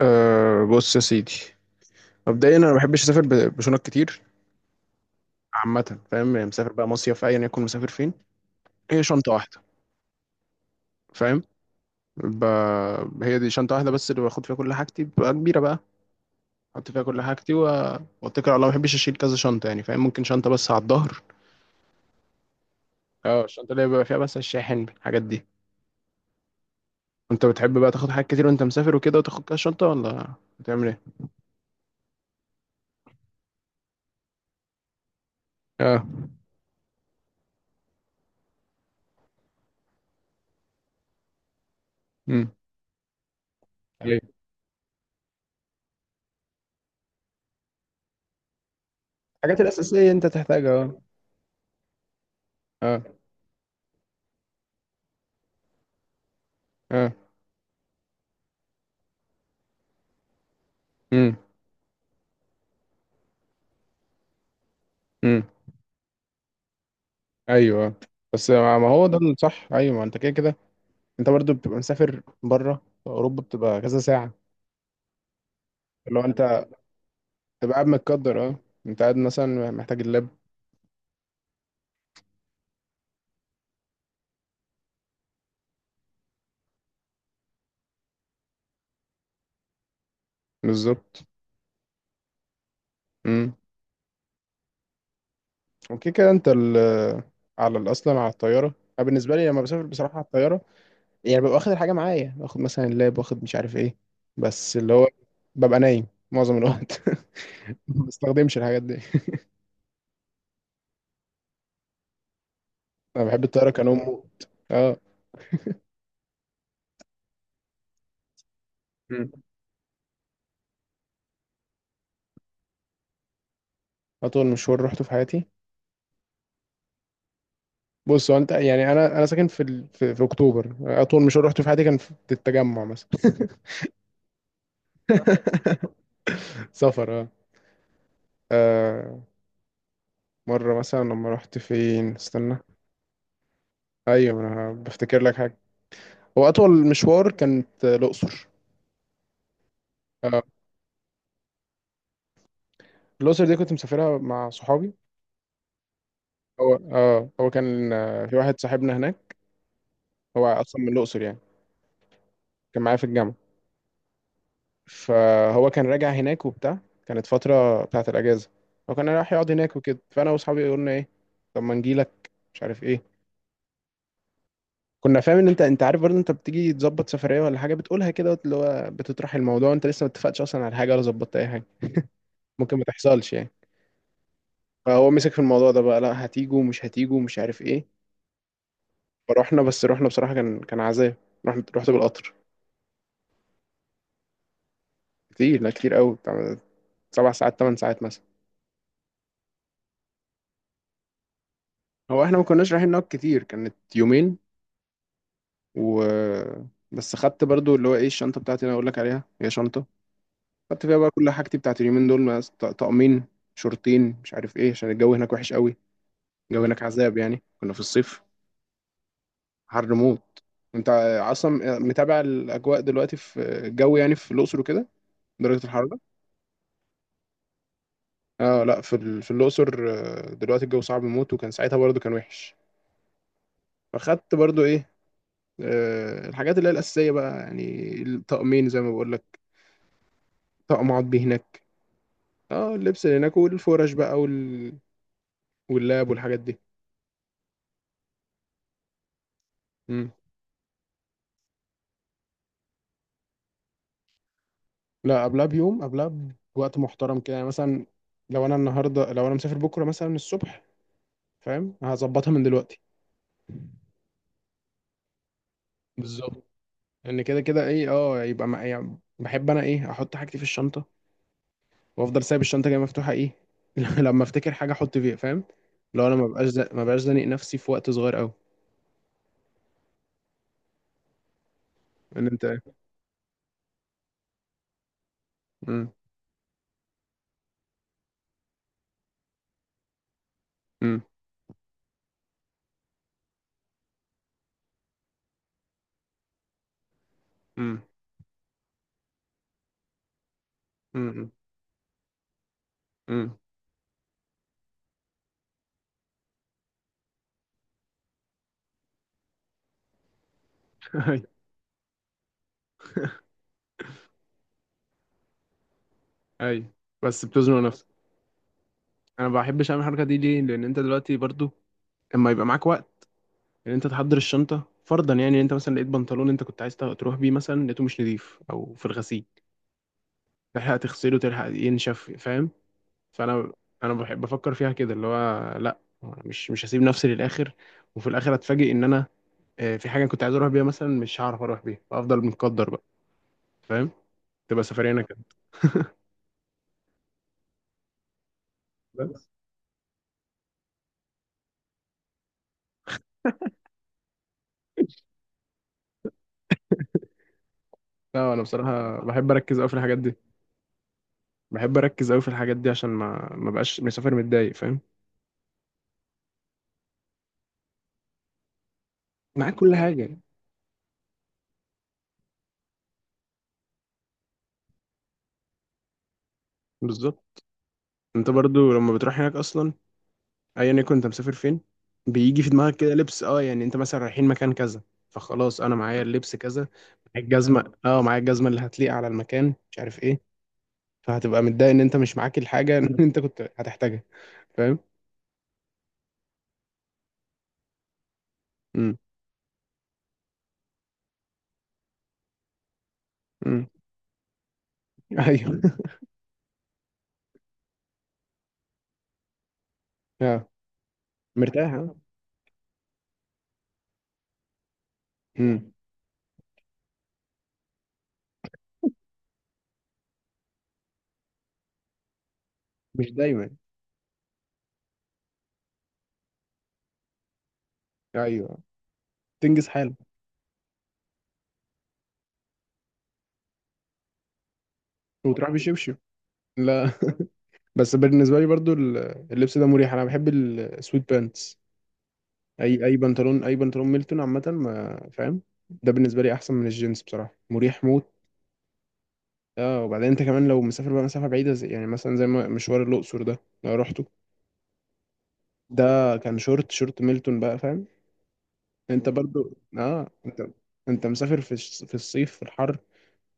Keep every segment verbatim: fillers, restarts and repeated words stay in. أه بص يا سيدي. مبدئيا انا ما بحبش اسافر ب- بشنط كتير. عامه فاهم يعني مسافر بقى مصيف ايا يكون مسافر فين، هي شنطه واحده. فاهم. ب... هي دي شنطه واحده بس اللي باخد فيها كل حاجتي بتبقى كبيره بقى. احط فيها كل حاجتي و... واتكل على الله. ما بحبش اشيل كذا شنطه يعني، فاهم، ممكن شنطه بس على الظهر. اه، الشنطه اللي بيبقى فيها بس الشاحن، الحاجات دي. انت بتحب بقى تاخد حاجات كتير وانت مسافر وكده وتاخد كذا شنطه ولا بتعمل ايه؟ اه. امم. ايوه، الحاجات الاساسيه انت تحتاجها. اه اه. اه. امم. ايوه بس ما ما هو ده الصح. ايوه، ما انت كده كده. انت برضو بتبقى مسافر بره اوروبا، بتبقى كذا ساعه. اللي هو انت تبقى قاعد متقدر، اه. انت قاعد مثلا محتاج اللاب. بالظبط. امم. وكده كده انت ال على ال- اصلا على الطياره. انا بالنسبه لي لما بسافر بصراحه على الطياره، يعني ببقى واخد الحاجه معايا، باخد مثلا اللاب واخد مش عارف ايه. بس اللي هو ببقى نايم معظم الوقت ما بستخدمش الحاجات دي. انا بحب الطياره كنوم موت، اه. مم. اطول مشوار روحته في حياتي. بص هو انت يعني انا انا ساكن في ال... في, في اكتوبر. اطول مشوار رحته في حياتي كان في التجمع مثلا. سفر اه. آه، مرة مثلا لما رحت فين، استنى. ايوه انا بفتكر لك حاجة. هو اطول مشوار كانت آه، الاقصر. آه، الاقصر دي كنت مسافرها مع صحابي. هو اه، هو كان آه، في واحد صاحبنا هناك. هو اصلا من الاقصر يعني، كان معايا في الجامعة. فهو كان راجع هناك وبتاع. كانت فترة بتاعت الأجازة، هو كان رايح يقعد هناك وكده. فأنا وأصحابي قلنا إيه، طب ما نجيلك مش عارف إيه. كنا فاهم إن أنت أنت عارف برضه، أنت بتيجي تظبط سفرية ولا حاجة بتقولها كده اللي هو بتطرح الموضوع، أنت لسه ما اتفقتش أصلا على حاجة ولا ظبطت أي حاجة، ممكن ما تحصلش يعني. فهو مسك في الموضوع ده بقى، لا هتيجوا ومش هتيجوا ومش عارف إيه. فروحنا. بس روحنا بصراحة كان كان عذاب. رحت رحت بالقطر. كتير، لا كتير قوي بتاع. سبع ساعات ثمان ساعات مثلا. هو احنا ما كناش رايحين نقعد كتير، كانت يومين. و بس خدت برضو اللي هو ايه، الشنطه بتاعتي اللي انا اقول لك عليها هي شنطه. خدت فيها بقى كل حاجتي بتاعت اليومين دول، مس- ط- طقمين شورتين مش عارف ايه عشان الجو هناك وحش قوي. الجو هناك عذاب يعني، كنا في الصيف. حر موت. انت اصلا متابع الاجواء دلوقتي في الجو يعني في الاقصر وكده، درجه الحراره؟ اه لا، في ال... في الاقصر آه، دلوقتي الجو صعب موت، وكان ساعتها برضو كان وحش. فخدت برضو ايه، آه، الحاجات اللي هي الاساسيه بقى يعني، الطقمين زي ما بقول لك. طقم اقعد بيه هناك. اه اللبس اللي هناك والفرش بقى وال... واللاب والحاجات دي. مم. لا قبلها بيوم، قبلها بوقت محترم كده يعني. مثلا لو انا النهارده لو انا مسافر بكره مثلا الصبح، فاهم، هظبطها من دلوقتي. بالظبط. ان كده كده ايه اه، يبقى ما يعني، بحب انا ايه، احط حاجتي في الشنطه وافضل سايب الشنطه كده مفتوحه ايه. لما افتكر حاجه احط فيها، فاهم. لو انا ما بقاش زا... ما بقاش زانق نفسي في وقت صغير قوي. ان انت. امم. امم. امم. امم. اي اي. بس بتزنق نفسك. انا ما بحبش اعمل الحركه دي ليه؟ لان انت دلوقتي برضو اما يبقى معاك وقت ان انت تحضر الشنطه، فرضا يعني إن انت مثلا لقيت بنطلون انت كنت عايز تروح بيه، مثلا لقيته مش نظيف او في الغسيل، تلحق تغسله تلحق ينشف، فاهم. فانا انا بحب افكر فيها كده، اللي هو لا أنا مش مش هسيب نفسي للاخر وفي الاخر اتفاجئ ان انا آه، في حاجه كنت عايز اروح بيها مثلا، مش هعرف اروح بيها، فافضل متقدر بقى. فاهم. تبقى سفريه انا كده. بس لا انا بصراحه بحب اركز قوي في الحاجات دي. بحب اركز قوي في الحاجات دي عشان ما ما بقاش مسافر متضايق، فاهم. معاك كل حاجة. بالظبط. انت برضو لما بتروح هناك اصلا ايا يكن انت مسافر فين، بيجي في دماغك كده لبس اه، يعني انت مثلا رايحين مكان كذا فخلاص انا معايا اللبس كذا، معايا الجزمة اه، معايا الجزمة اللي هتليق على المكان مش عارف ايه. فهتبقى متضايق ان انت مش معاك الحاجة اللي انت كنت هتحتاجها، فاهم. امم. امم. ايوه اه. مرتاح اه. امم. مش دايما. ايوه. تنجز حالك. وتروح بشبشب، لا بس بالنسبة لي برضو ال- اللبس ده مريح، انا بحب السويت بانتس. اي اي بنطلون، اي بنطلون ميلتون عامه، ما فاهم. ده بالنسبه لي احسن من الجينز بصراحه، مريح موت. اه. وبعدين انت كمان لو مسافر بقى مسافه بعيده زي يعني مثلا زي ما مشوار الاقصر ده لو رحته. ده كان شورت، شورت ميلتون بقى، فاهم. انت برضو اه، انت. انت مسافر في الش- في الصيف في الحر،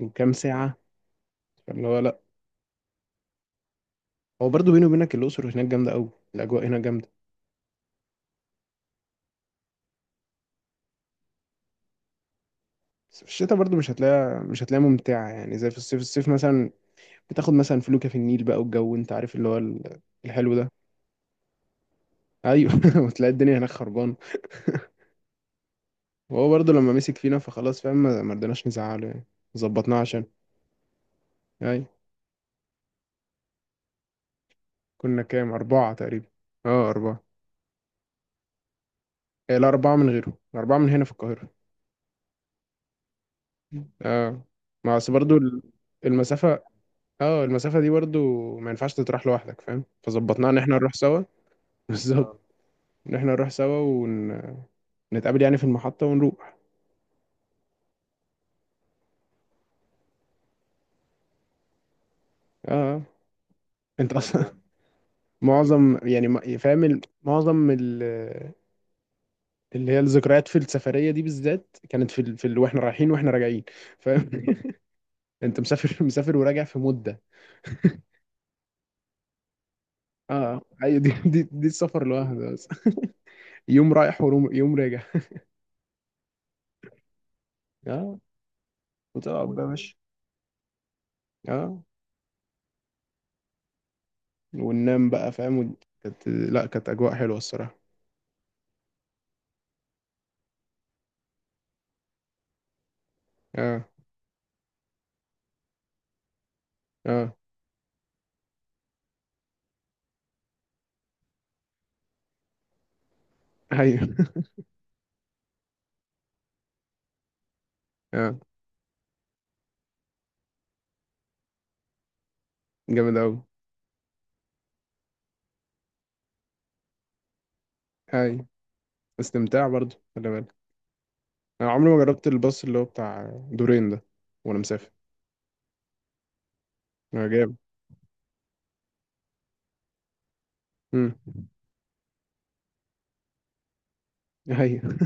وكام ساعه، اللي هو لا. هو برضو بيني وبينك الاقصر هناك جامده قوي، الاجواء هناك جامده. بس في الشتاء برضو مش هتلاقيها، مش هتلاقيها ممتعه يعني زي في الصيف. الصيف مثلا بتاخد مثلا فلوكه في النيل بقى، والجو انت عارف اللي هو ال- الحلو ده. ايوه وتلاقي الدنيا هناك خربانه. وهو برضه لما مسك فينا فخلاص، فاهم، ما ما رضيناش نزعله يعني، ظبطناه عشان. ايوه. كنا كام، اربعه تقريبا. اه اربعه. إيه، لا اربعه من غيره، اربعه من هنا في القاهره. اه. ما اصل برضه ال- المسافه. اه، المسافه دي برضه ما ينفعش تتراح لوحدك، فاهم. فظبطناه ان احنا نروح سوا. بالظبط اه. ان احنا نروح سوا ون... نتقابل يعني في المحطة ونروح. اه. آه. انت اصلا معظم يعني م- فاهم ال- معظم ال- اللي هي الذكريات في السفريه دي بالذات كانت في ال... في ال... واحنا رايحين واحنا راجعين، فاهم انت مسافر مسافر وراجع في مده. اه ايوه، دي دي, دي السفر لوحده بس. يوم رايح ويوم راجع. اه. وتقعد بقى ماشي. اه. وننام بقى، فاهم ون- كانت، لا كانت اجواء حلوه الصراحه. اه اه. ايوه اه جامد قوي. ايوه، استمتاع برضه، خلي بالك. انا عمري ما جربت الباص اللي هو بتاع دورين ده وانا مسافر. اه جامد. امم. ايوه.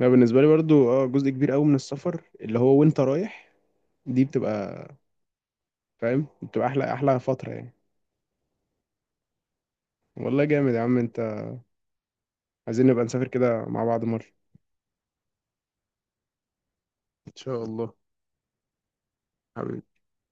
انا بالنسبه لي برضو اه جزء كبير قوي من السفر اللي هو وانت رايح، دي بتبقى فاهم بتبقى احلى، احلى فتره يعني. والله جامد يا عم انت، عايزين نبقى نسافر كده مع بعض مره. ان شاء الله. حبيبي.